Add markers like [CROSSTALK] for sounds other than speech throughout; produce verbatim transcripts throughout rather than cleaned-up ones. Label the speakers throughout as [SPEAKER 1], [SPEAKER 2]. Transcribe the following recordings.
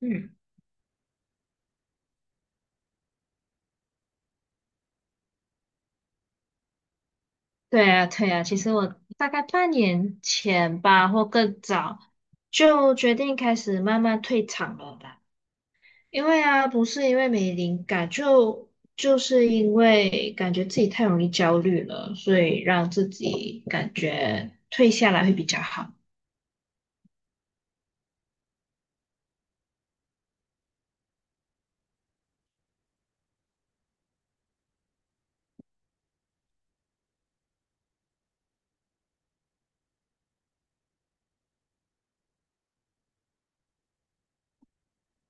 [SPEAKER 1] 嗯，对啊，对啊，其实我大概半年前吧，或更早，就决定开始慢慢退场了吧。因为啊，不是因为没灵感，就就是因为感觉自己太容易焦虑了，所以让自己感觉退下来会比较好。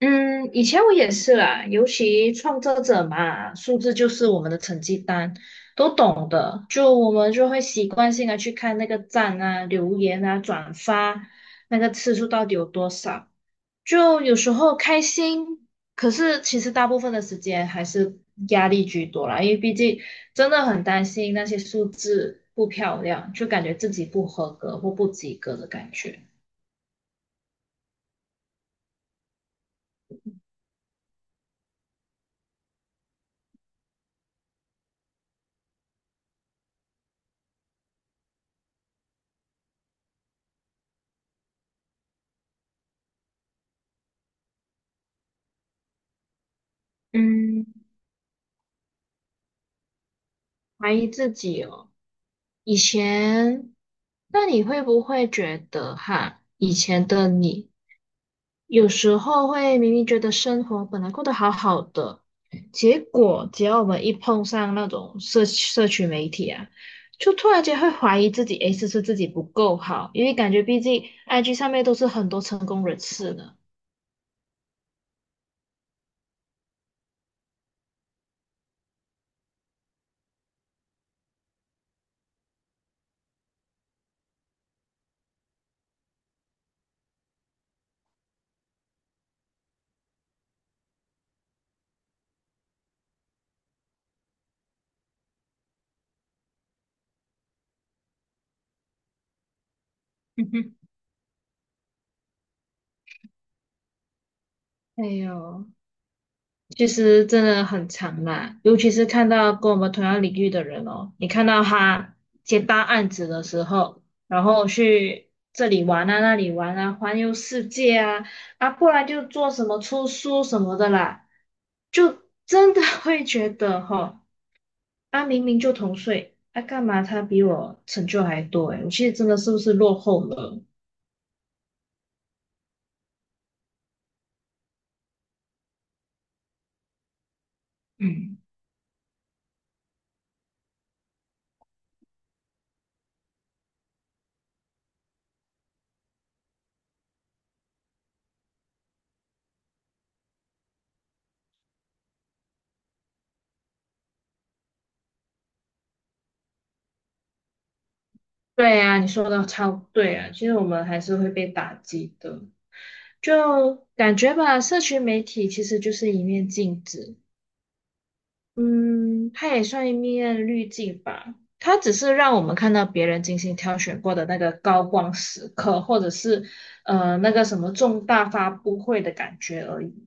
[SPEAKER 1] 嗯，以前我也是啦，尤其创作者嘛，数字就是我们的成绩单，都懂的。就我们就会习惯性的去看那个赞啊、留言啊、转发那个次数到底有多少。就有时候开心，可是其实大部分的时间还是压力居多啦，因为毕竟真的很担心那些数字不漂亮，就感觉自己不合格或不及格的感觉。嗯，怀疑自己哦。以前，那你会不会觉得哈，以前的你有时候会明明觉得生活本来过得好好的，结果只要我们一碰上那种社社群媒体啊，就突然间会怀疑自己，诶，是不是自己不够好？因为感觉毕竟 I G 上面都是很多成功人士呢。[LAUGHS] 哎呦。其实真的很长啦，尤其是看到跟我们同样领域的人哦，你看到他接大案子的时候，然后去这里玩啊，那里玩啊，环游世界啊，啊，不然就做什么出书什么的啦，就真的 [LAUGHS] 会觉得哈、哦啊，明明就同岁，啊，干嘛他比我成就还多诶，我其实真的是不是落后了？嗯。对啊，你说的超对啊，其实我们还是会被打击的，就感觉吧，社群媒体其实就是一面镜子，嗯，它也算一面滤镜吧，它只是让我们看到别人精心挑选过的那个高光时刻，或者是呃那个什么重大发布会的感觉而已。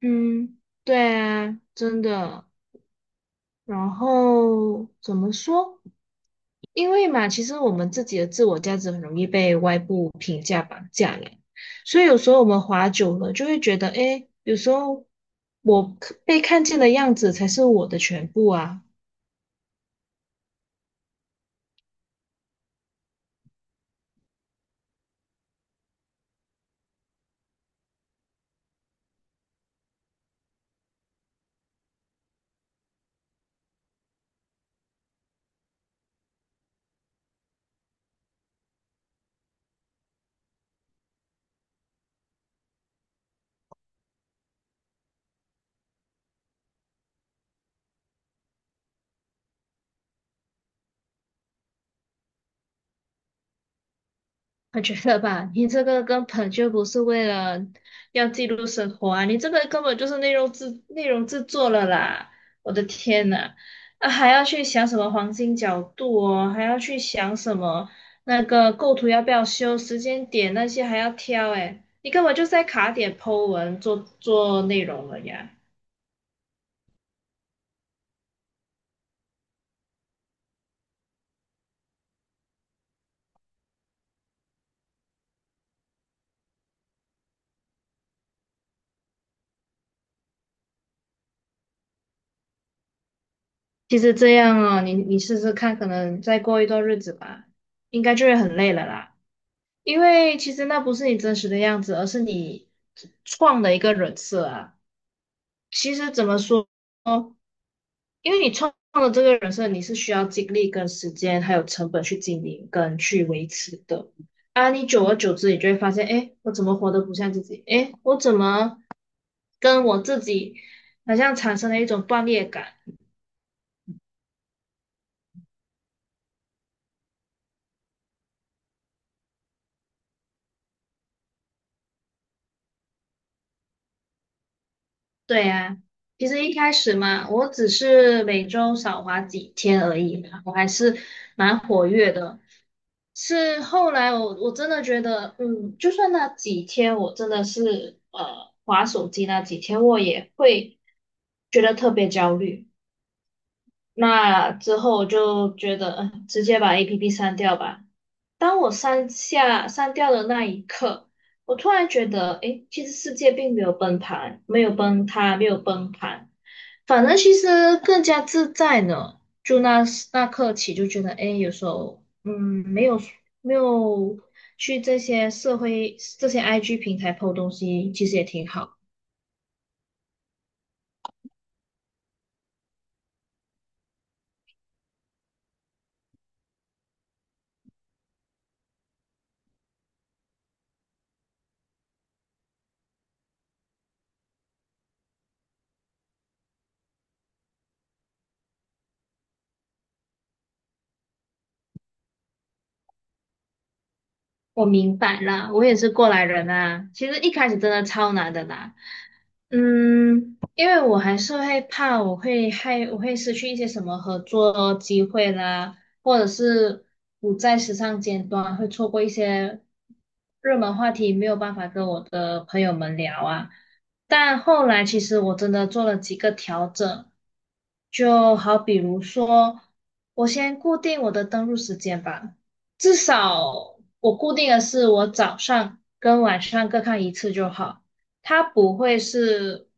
[SPEAKER 1] 嗯，对啊，真的。然后怎么说？因为嘛，其实我们自己的自我价值很容易被外部评价绑架了，所以有时候我们滑久了就会觉得，诶，有时候我可被看见的样子才是我的全部啊。我觉得吧，你这个根本就不是为了要记录生活啊，你这个根本就是内容制内容制作了啦！我的天呐，啊还要去想什么黄金角度哦，还要去想什么那个构图要不要修，时间点那些还要挑诶，你根本就是在卡点 po 文做做内容了呀。其实这样哦，你你试试看，可能再过一段日子吧，应该就会很累了啦。因为其实那不是你真实的样子，而是你创的一个人设啊。其实怎么说，因为你创的这个人设，你是需要精力跟时间还有成本去经营跟去维持的啊。你久而久之，你就会发现，哎，我怎么活得不像自己？哎，我怎么跟我自己好像产生了一种断裂感？对啊，其实一开始嘛，我只是每周少滑几天而已嘛我还是蛮活跃的。是后来我我真的觉得，嗯，就算那几天我真的是呃划手机那几天，我也会觉得特别焦虑。那之后我就觉得，嗯，直接把 A P P 删掉吧。当我删下删掉的那一刻，我突然觉得，诶，其实世界并没有崩盘，没有崩塌，没有崩盘，反正其实更加自在呢。就那时那刻起，就觉得，诶，有时候，嗯，没有没有去这些社会这些 I G 平台 po 东西，其实也挺好。我明白啦，我也是过来人啊。其实一开始真的超难的啦，嗯，因为我还是会怕，我会害，我会失去一些什么合作机会啦，或者是不在时尚尖端，会错过一些热门话题，没有办法跟我的朋友们聊啊。但后来其实我真的做了几个调整，就好比如说，我先固定我的登录时间吧。至少我固定的是我早上跟晚上各看一次就好，它不会是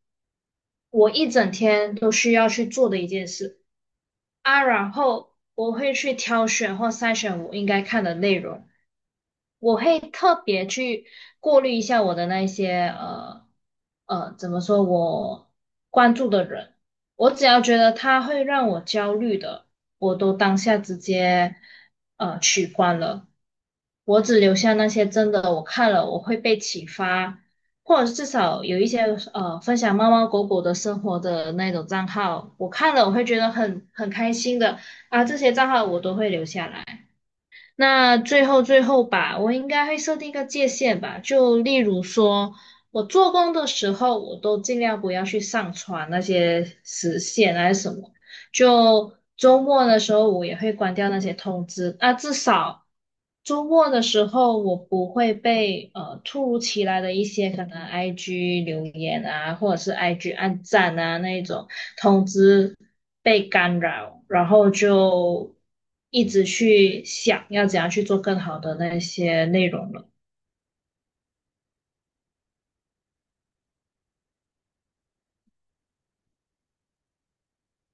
[SPEAKER 1] 我一整天都需要去做的一件事。啊，然后我会去挑选或筛选我应该看的内容，我会特别去过滤一下我的那一些呃呃，怎么说我关注的人，我只要觉得他会让我焦虑的，我都当下直接呃取关了，我只留下那些真的我看了我会被启发。或者是至少有一些呃分享猫猫狗狗的生活的那种账号，我看了我会觉得很很开心的啊，这些账号我都会留下来。那最后最后吧，我应该会设定一个界限吧，就例如说我做工的时候，我都尽量不要去上传那些时限啊还是什么。就周末的时候，我也会关掉那些通知。啊，至少周末的时候，我不会被呃突如其来的一些可能 I G 留言啊，或者是 I G 按赞啊那一种通知被干扰，然后就一直去想要怎样去做更好的那些内容了。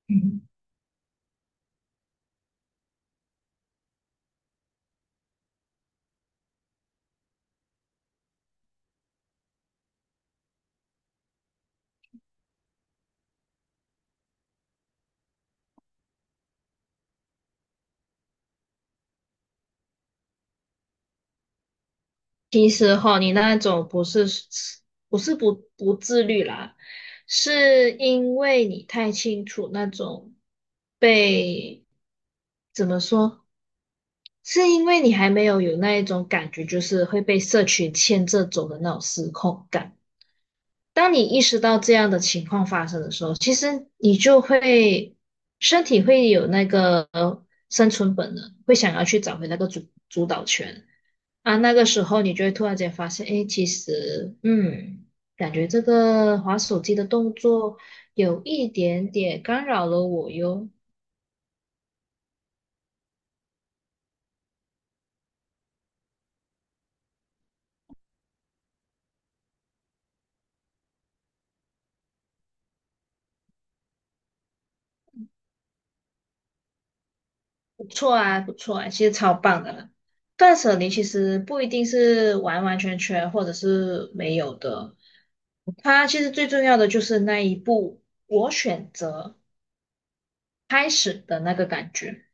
[SPEAKER 1] 嗯。其实哈，你那种不是不是不不自律啦，是因为你太清楚那种被怎么说，是因为你还没有有那一种感觉，就是会被社群牵着走的那种失控感。当你意识到这样的情况发生的时候，其实你就会身体会有那个生存本能，会想要去找回那个主主导权。啊，那个时候你就会突然间发现，诶，其实，嗯，感觉这个划手机的动作有一点点干扰了我哟。不错啊，不错啊，其实超棒的啦断舍离其实不一定是完完全全或者是没有的，它其实最重要的就是那一步，我选择开始的那个感觉。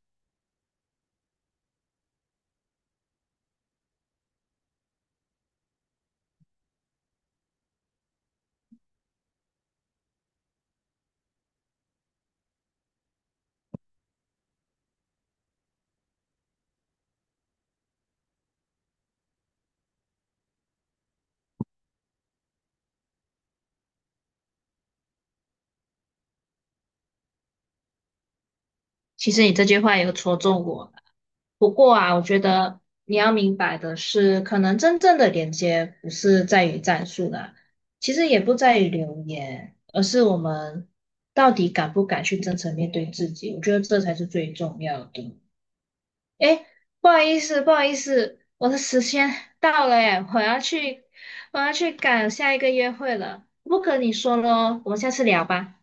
[SPEAKER 1] 其实你这句话也有戳中我，不过啊，我觉得你要明白的是，可能真正的连接不是在于战术啦，其实也不在于留言，而是我们到底敢不敢去真诚面对自己。我觉得这才是最重要的。诶，不好意思，不好意思，我的时间 [LAUGHS] 到了，诶，我要去，我要去赶下一个约会了。不跟你说喽，我们下次聊吧。